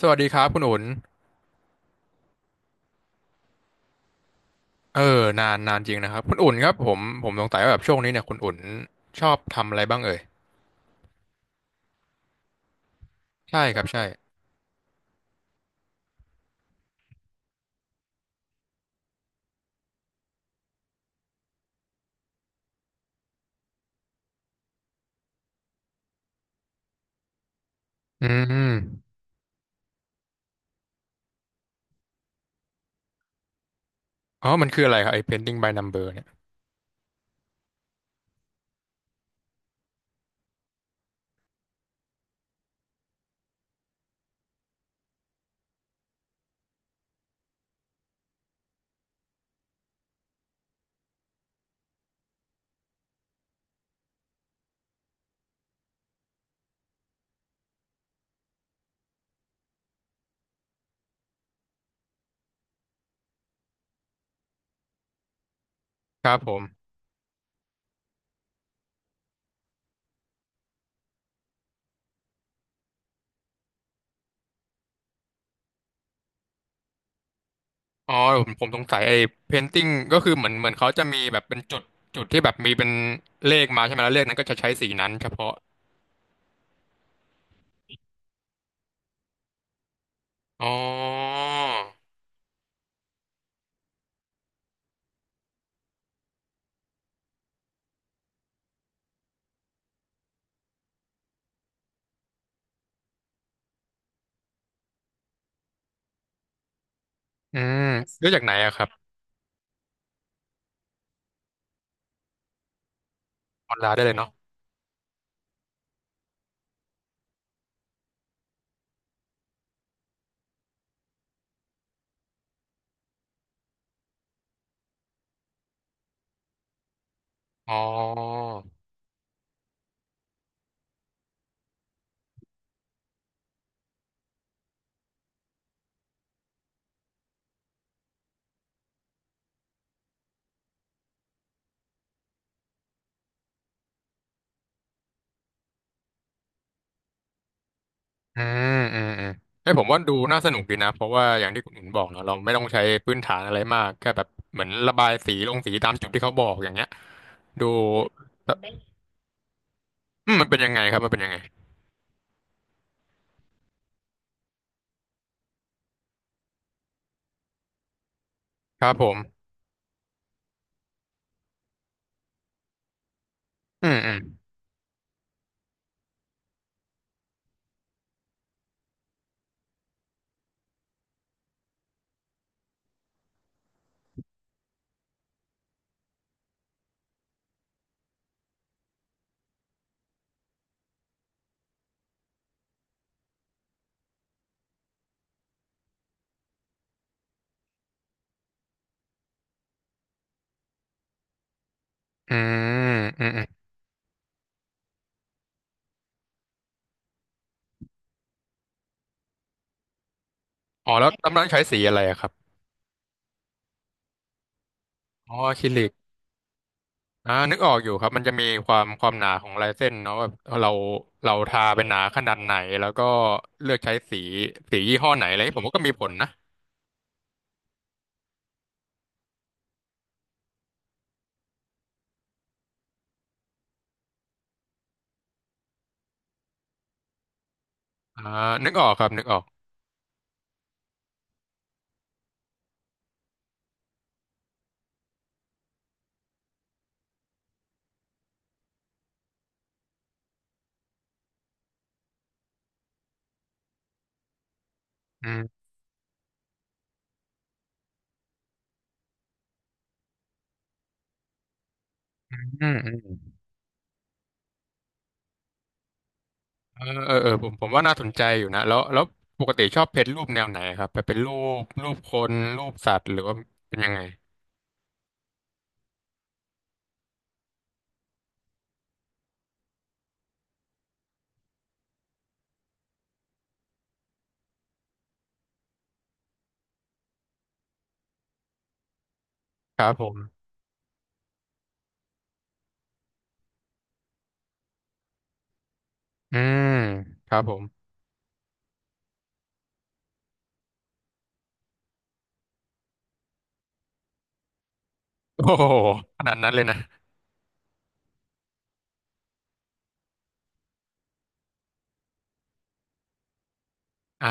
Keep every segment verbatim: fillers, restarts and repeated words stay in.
สวัสดีครับคุณอุ่นเออนานนานจริงนะครับคุณอุ่นครับผมผมสงสัยว่าแบบช่วงนี้เนี่ยคุณอุ่นชอบทำอะไรบ้างเอ่ยใช่ครับใช่อืมอ๋อมันคืออะไรครับไอ้ painting by number เนี่ยครับผมอ๋อผมผมสงสัยไอ้ painting ก็คือเหมือนเหมือนเขาจะมีแบบเป็นจุดจุดที่แบบมีเป็นเลขมาใช่ไหมแล้วเลขนั้นก็จะใช้สีนั้นเฉพาะอ๋ออืมเลือกจากไหนอะครับออนไลน์ได้เลยเนาะอ๋อ อืมอืมอืมให้ยผมว่าดูน่าสนุกดีนะเพราะว่าอย่างที่คุณอินบอกเนาะเราไม่ต้องใช้พื้นฐานอะไรมากแค่แบบเหมือนระบายสีลงสีตามจุดที่เขาบอกอย่างเงี้ยดูอืมมันเป็นยังไงครับมันเป็นยังไงครับผมอืมอืมอืมอืมอมอ๋อแล้วตำนานใช้สีอะไรอะครับอ๋ออะคริลิกอ่านึกออกอยู่ครับมันจะมีความความหนาของลายเส้นเนาะแบบเราเราทาเป็นหนาขนาดไหนแล้วก็เลือกใช้สีสียี่ห้อไหนอะไรอย่างเงี้ยผมว่าก็มีผลนะอ่านึกออกครับนึกออก อืมอืมเออเออเออผมผมว่าน่าสนใจอยู่นะแล้วแล้วปกติชอบเพจรูปแนวไหนครับแบบเป็นรูปรูปคนรูปสัตว์หรือว่าเป็นยังไงครับผมอืมครับผมโอ้โหขนาดนั้นเลยนะอ่า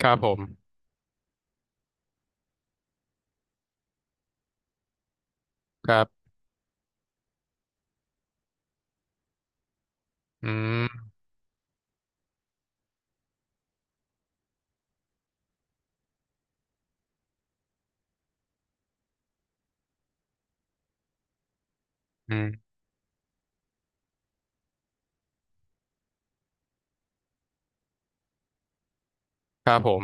ครับผมครับอืมอืมครับผม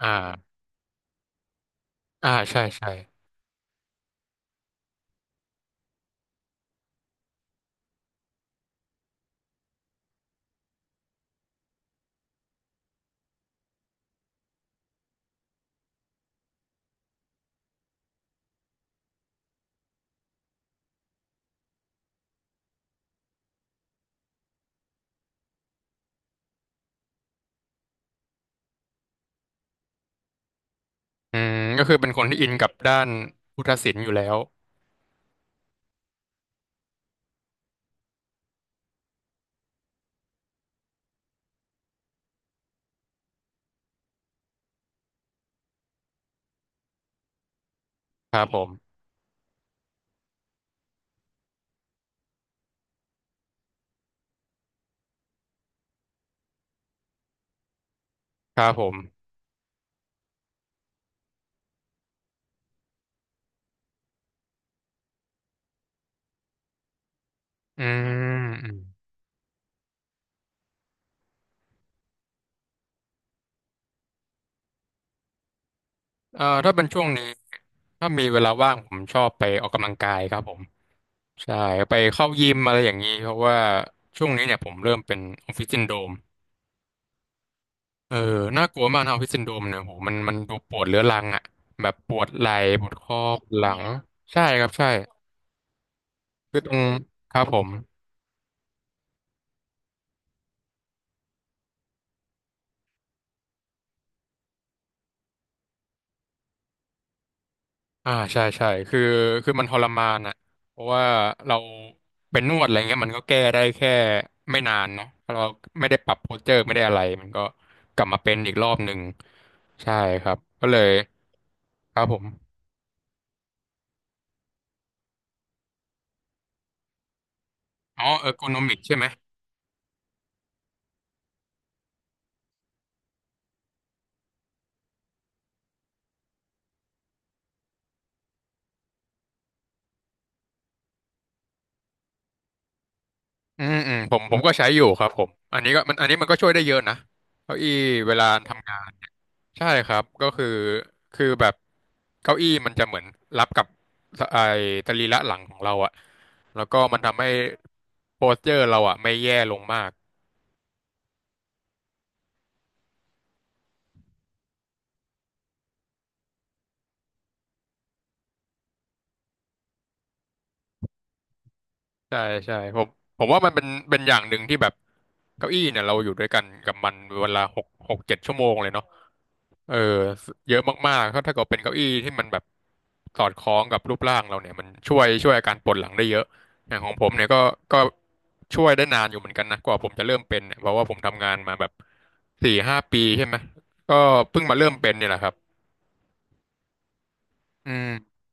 อ่าอ่าใช่ใช่อืมก็คือเป็นคนที่อินกับด้านพุทธศิลป์อยู่แล้วครับผมครับผมอืมอืมเอ่อถ้าเป็นช่วงนี้ถ้ามีเวลาว่างผมชอบไปออกกำลังกายครับผม ใช่ไปเข้ายิมอะไรอย่างนี้เพราะว่าช่วงนี้เนี่ยผมเริ่มเป็นออฟฟิศซินโดรมเออน่ากลัวมากนะออฟฟิศซินโดรมเนี่ยโหมันมันดูปวดเรื้อรังอ่ะแบบปวดไหล่ปวดข้อปวดหลังใช่ครับใช่คือตรงครับผมอ่าใช่ใช่คือคือมันทรมานอ่ะเพราะว่าเราเป็นนวดอะไรเงี้ยมันก็แก้ได้แค่ไม่นานเนาะ้าะเราไม่ได้ปรับโพสเจอร์ไม่ได้อะไรมันก็กลับมาเป็นอีกรอบหนึ่งใช่ครับก็เลยครับผมอ๋อเออร์โกนอมิกใช่ไหม อืมอืมผมผมก็ใช้อยู่ครับผมอันนี้ก็มันอันนี้มันก็ช่วยได้เยอะนะเก้าอี้เวลาทำงานใช่ครับก็คือคือแบบเก้าอี้มันจะเหมือนรับกับสไอ้สรีระหลังของเราอะแล้วก็มันทำให้โพสเจอร์เราอะไม่แย่ลงมากใช่ใช่ผมผมว่ามันเป็นเป็นอย่างหนึ่งที่แบบเก้าอี้เนี่ยเราอยู่ด้วยกันกับมันเวลาหกหกเจ็ดชั่วโมงเลยเนาะ เออเยอะมากๆถ้าถ้าเกิดเป็นเก้าอี้ที่มันแบบสอดคล้องกับรูปร่างเราเนี่ยมันช่วยช่วยอาการปวดหลังได้เยอะอย่างของผมเนี่ยก็ก็ช่วยได้นานอยู่เหมือนกันนะกว่าผมจะเริ่มเป็นเนี่ยเพราะว่าผมทำงานมาแบบสี่ห้าปีใช่ไหมก็เพิ่งมาเริ่มเป็นเนี่ยแหละครับอืม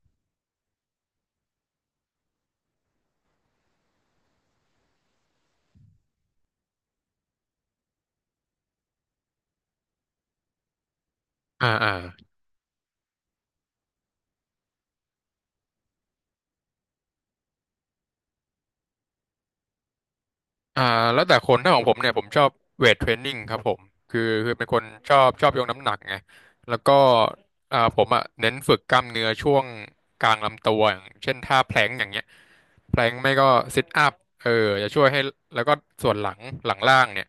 อ่าอ่าอ่าแล้วแต่คนถ้าของผมเนี่ยผมชอบเวทเทรนนิ่งครับผมคือคือเป็นคนชอบชอบยกน้ำหนักไงแล้วก็อ่าผมอ่ะเน้นฝึกกล้ามเนื้อช่วงกลางลำตัวอย่างเช่นท่าแพลงอย่างเงี้ย แพลงไม่ก็ซิทอัพเออจะช่วยให้แล้วก็ส่วนหลังหลังล่างเนี่ย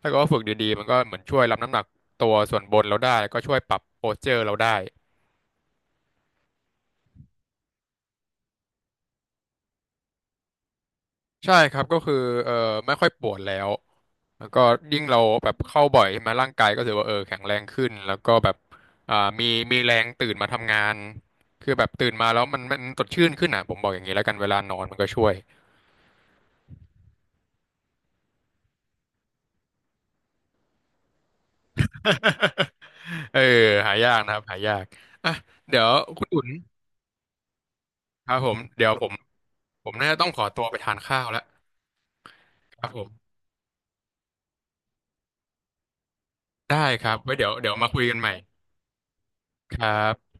ถ้าเกิดว่าฝึกดีๆมันก็เหมือนช่วยรับน้ำหนักตัวส่วนบนเราได้ก็ช่วยปรับโพสเจอร์เราได้ใช่ครับก็คือเออไม่ค่อยปวดแล้วแล้วก็ยิ่งเราแบบเข้าบ่อยใช่ไหมาร่างกายก็ถือว่าเออแข็งแรงขึ้นแล้วก็แบบอ่ามีมีแรงตื่นมาทำงานคือแบบตื่นมาแล้วมันมันสดชื่นขึ้นอ่ะผมบอกอย่างนี้แล้วกันเวลานอนมันก็ช่วย เออหายากนะครับหายากอ่ะเดี๋ยวคุณอุ่นครับผมเดี๋ยวผม ผมน่าจะต้องขอตัวไปทานข้าวแล้วครับผมได้ครับไว้เดี๋ยวเดี๋ยวมาคุยกันใหม่ครับ